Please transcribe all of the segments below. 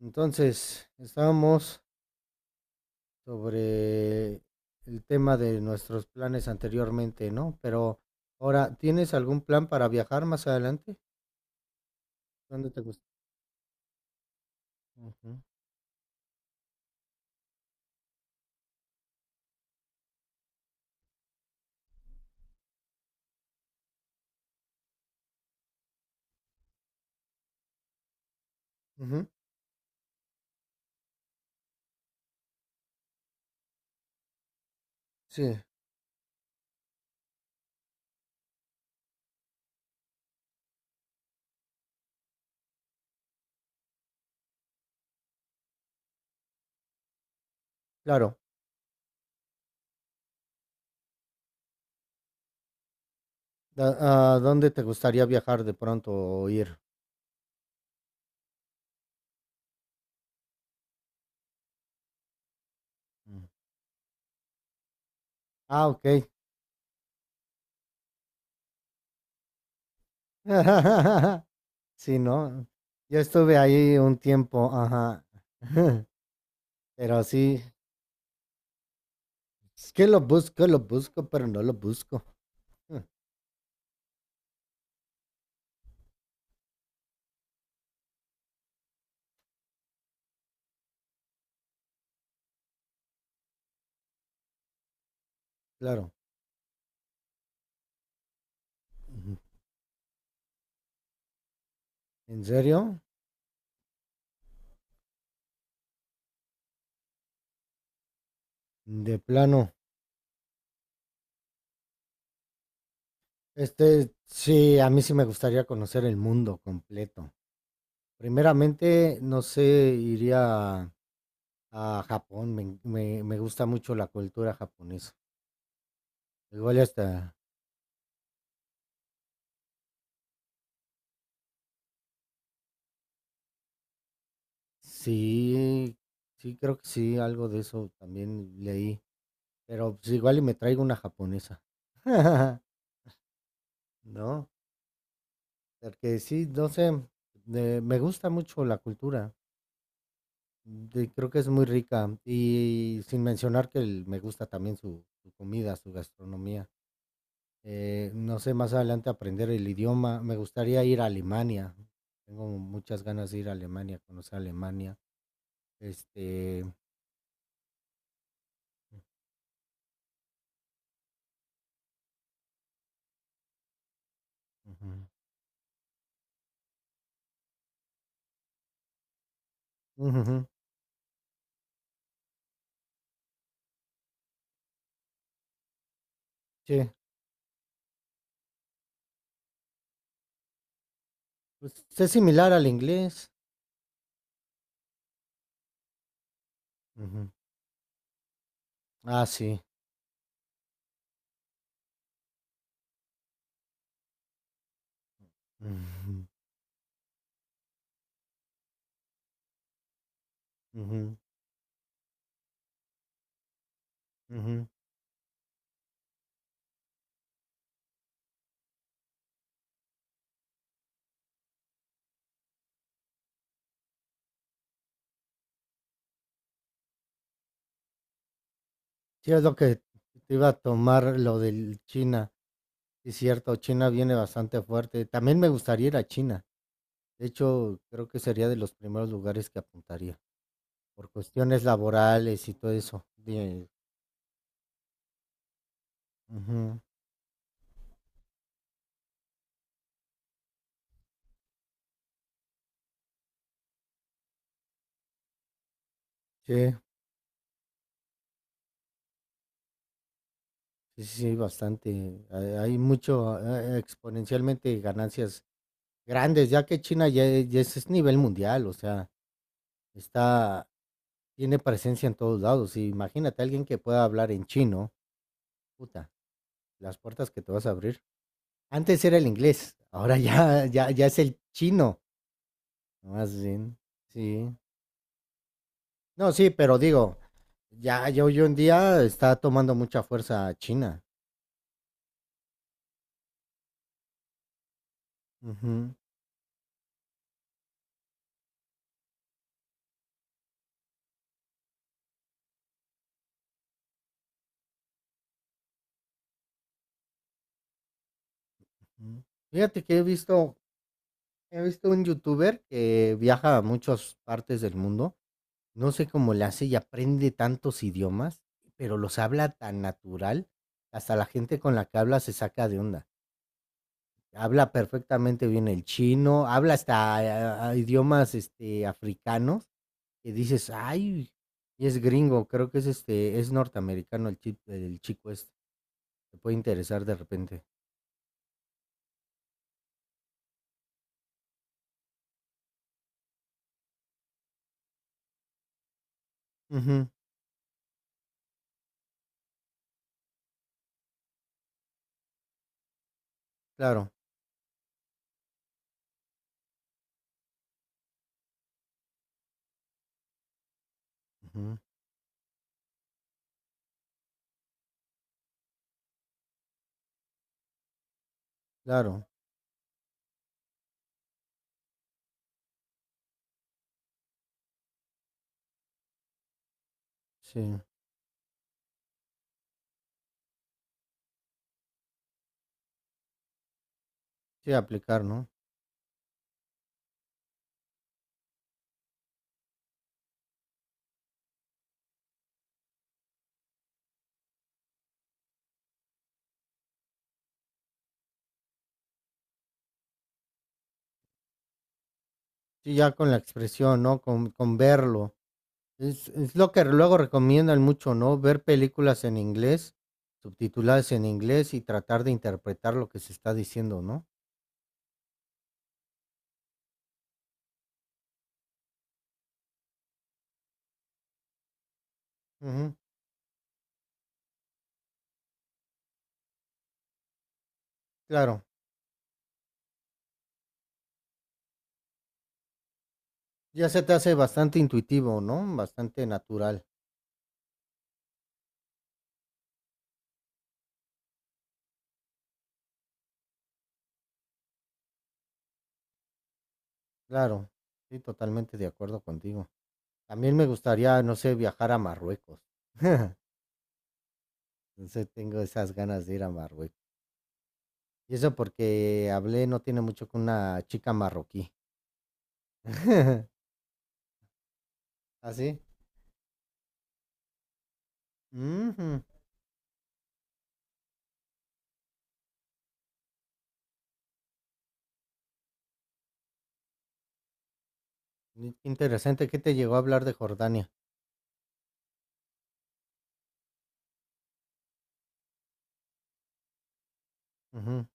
Entonces, estábamos sobre el tema de nuestros planes anteriormente, ¿no? Pero ahora, ¿tienes algún plan para viajar más adelante? ¿Dónde te gusta? Ujú, ujú, sí, claro. ¿A dónde te gustaría viajar de pronto o ir? Mm. Ah, ok. Sí, ¿no? Yo estuve ahí un tiempo, ajá. Pero sí, es que lo busco, pero no lo busco. Claro. Ujú. ¿En serio? De plano. Sí, a mí sí me gustaría conocer el mundo completo. Primeramente, no sé, iría a Japón. Me gusta mucho la cultura japonesa. Igual y hasta, sí, sí, creo que sí, algo de eso también leí. Pero pues igual y me traigo una japonesa. ¿No? Porque sí, no sé, me gusta mucho la cultura. De Creo que es muy rica, y sin mencionar que el me gusta también su comida, su gastronomía. No sé, más adelante aprender el idioma. Me gustaría ir a Alemania. Tengo muchas ganas de ir a Alemania, conocer Alemania. Este Ujú, ujú, sí, pues, es similar al inglés. Ujú. Ah, sí. Ujú, ujú, ujú. Sí, es lo que te iba a tomar lo del China. Sí, cierto, China viene bastante fuerte. También me gustaría ir a China. De hecho, creo que sería de los primeros lugares que apuntaría, por cuestiones laborales y todo eso. De Ujú. Sí, sí, sí, bastante. Hay mucho, exponencialmente ganancias grandes, ya que China ya es nivel mundial, o sea, está, tiene presencia en todos lados. Y imagínate alguien que pueda hablar en chino, puta, las puertas que te vas a abrir. Antes era el inglés, ahora ya es el chino, más bien. Sí. No, sí, pero digo, ya hoy en día está tomando mucha fuerza China. Ujú, ujú. Fíjate que he visto un youtuber que viaja a muchas partes del mundo. No sé cómo le hace y aprende tantos idiomas, pero los habla tan natural, que hasta la gente con la que habla se saca de onda. Habla perfectamente bien el chino, habla hasta idiomas africanos que dices, ay, y es gringo, creo que es norteamericano el chico este. Te puede interesar de repente. Ujú, claro. Ujú. Claro, sí, sí, aplicar, ¿no? Sí, ya con la expresión, ¿no? Con verlo. Es lo que luego recomiendan mucho, ¿no? Ver películas en inglés, subtituladas en inglés y tratar de interpretar lo que se está diciendo, ¿no? Ujú, claro, ya se te hace bastante intuitivo, ¿no? Bastante natural, claro. Sí, totalmente de acuerdo contigo. También me gustaría, no sé, viajar a Marruecos. Entonces tengo esas ganas de ir a Marruecos. Y eso porque hablé no tiene mucho con una chica marroquí. ¿Así? ¿Sí? Ujú. Mm, qué interesante. ¿Qué te llegó a hablar de Jordania? Ujú.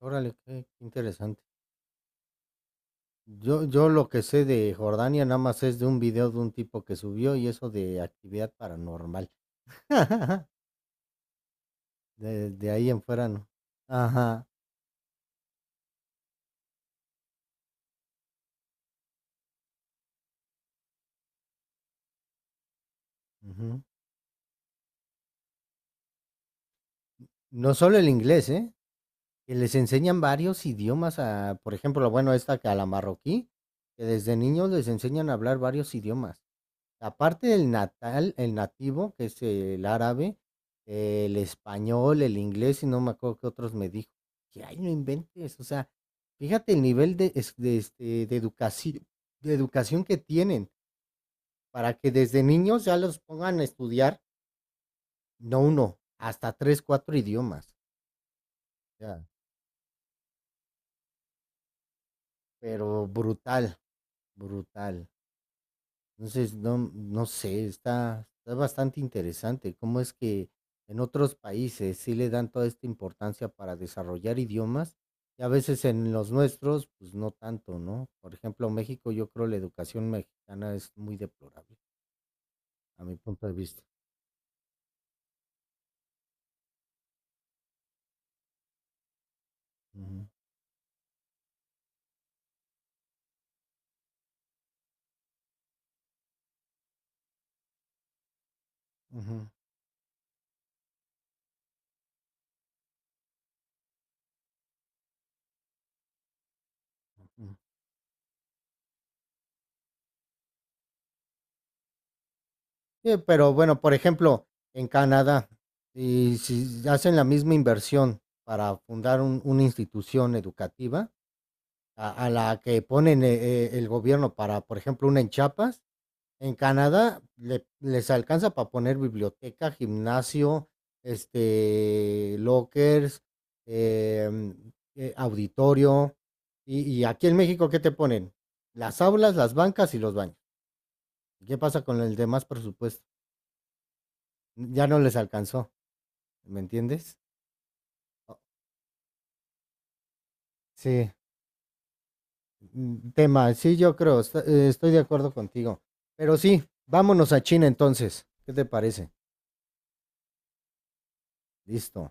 Órale, qué interesante. Yo lo que sé de Jordania nada más es de un video de un tipo que subió y eso de actividad paranormal. De ahí en fuera no. Ajá. Ujú. No solo el inglés, ¿eh? Que les enseñan varios idiomas a, por ejemplo, bueno, esta que a la marroquí, que desde niños les enseñan a hablar varios idiomas. Aparte del natal, el nativo, que es el árabe, el español, el inglés, y no me acuerdo qué otros me dijo. Que ay, no inventes, o sea, fíjate el nivel de, es- de, este, de educación que tienen para que desde niños ya los pongan a estudiar, no uno, hasta tres, cuatro idiomas. O sea, pero brutal, brutal. Entonces, no, no sé, está bastante interesante cómo es que en otros países sí le dan toda esta importancia para desarrollar idiomas y a veces en los nuestros, pues no tanto, ¿no? Por ejemplo, México, yo creo la educación mexicana es muy deplorable, a mi punto de vista. Ujú, ujú, ujú. Sí, pero bueno, por ejemplo, en Canadá, y si hacen la misma inversión para fundar una institución educativa, a la que ponen, el gobierno para, por ejemplo, una en Chiapas, en Canadá le les alcanza para poner biblioteca, gimnasio, lockers, auditorio, y aquí en México, ¿qué te ponen? Las aulas, las bancas y los baños. ¿Qué pasa con el demás presupuesto? Ya no les alcanzó, ¿me entiendes? O Sí. Tema. Sí, yo creo, estoy de acuerdo contigo. Pero sí, vámonos a China entonces. ¿Qué te parece? Listo.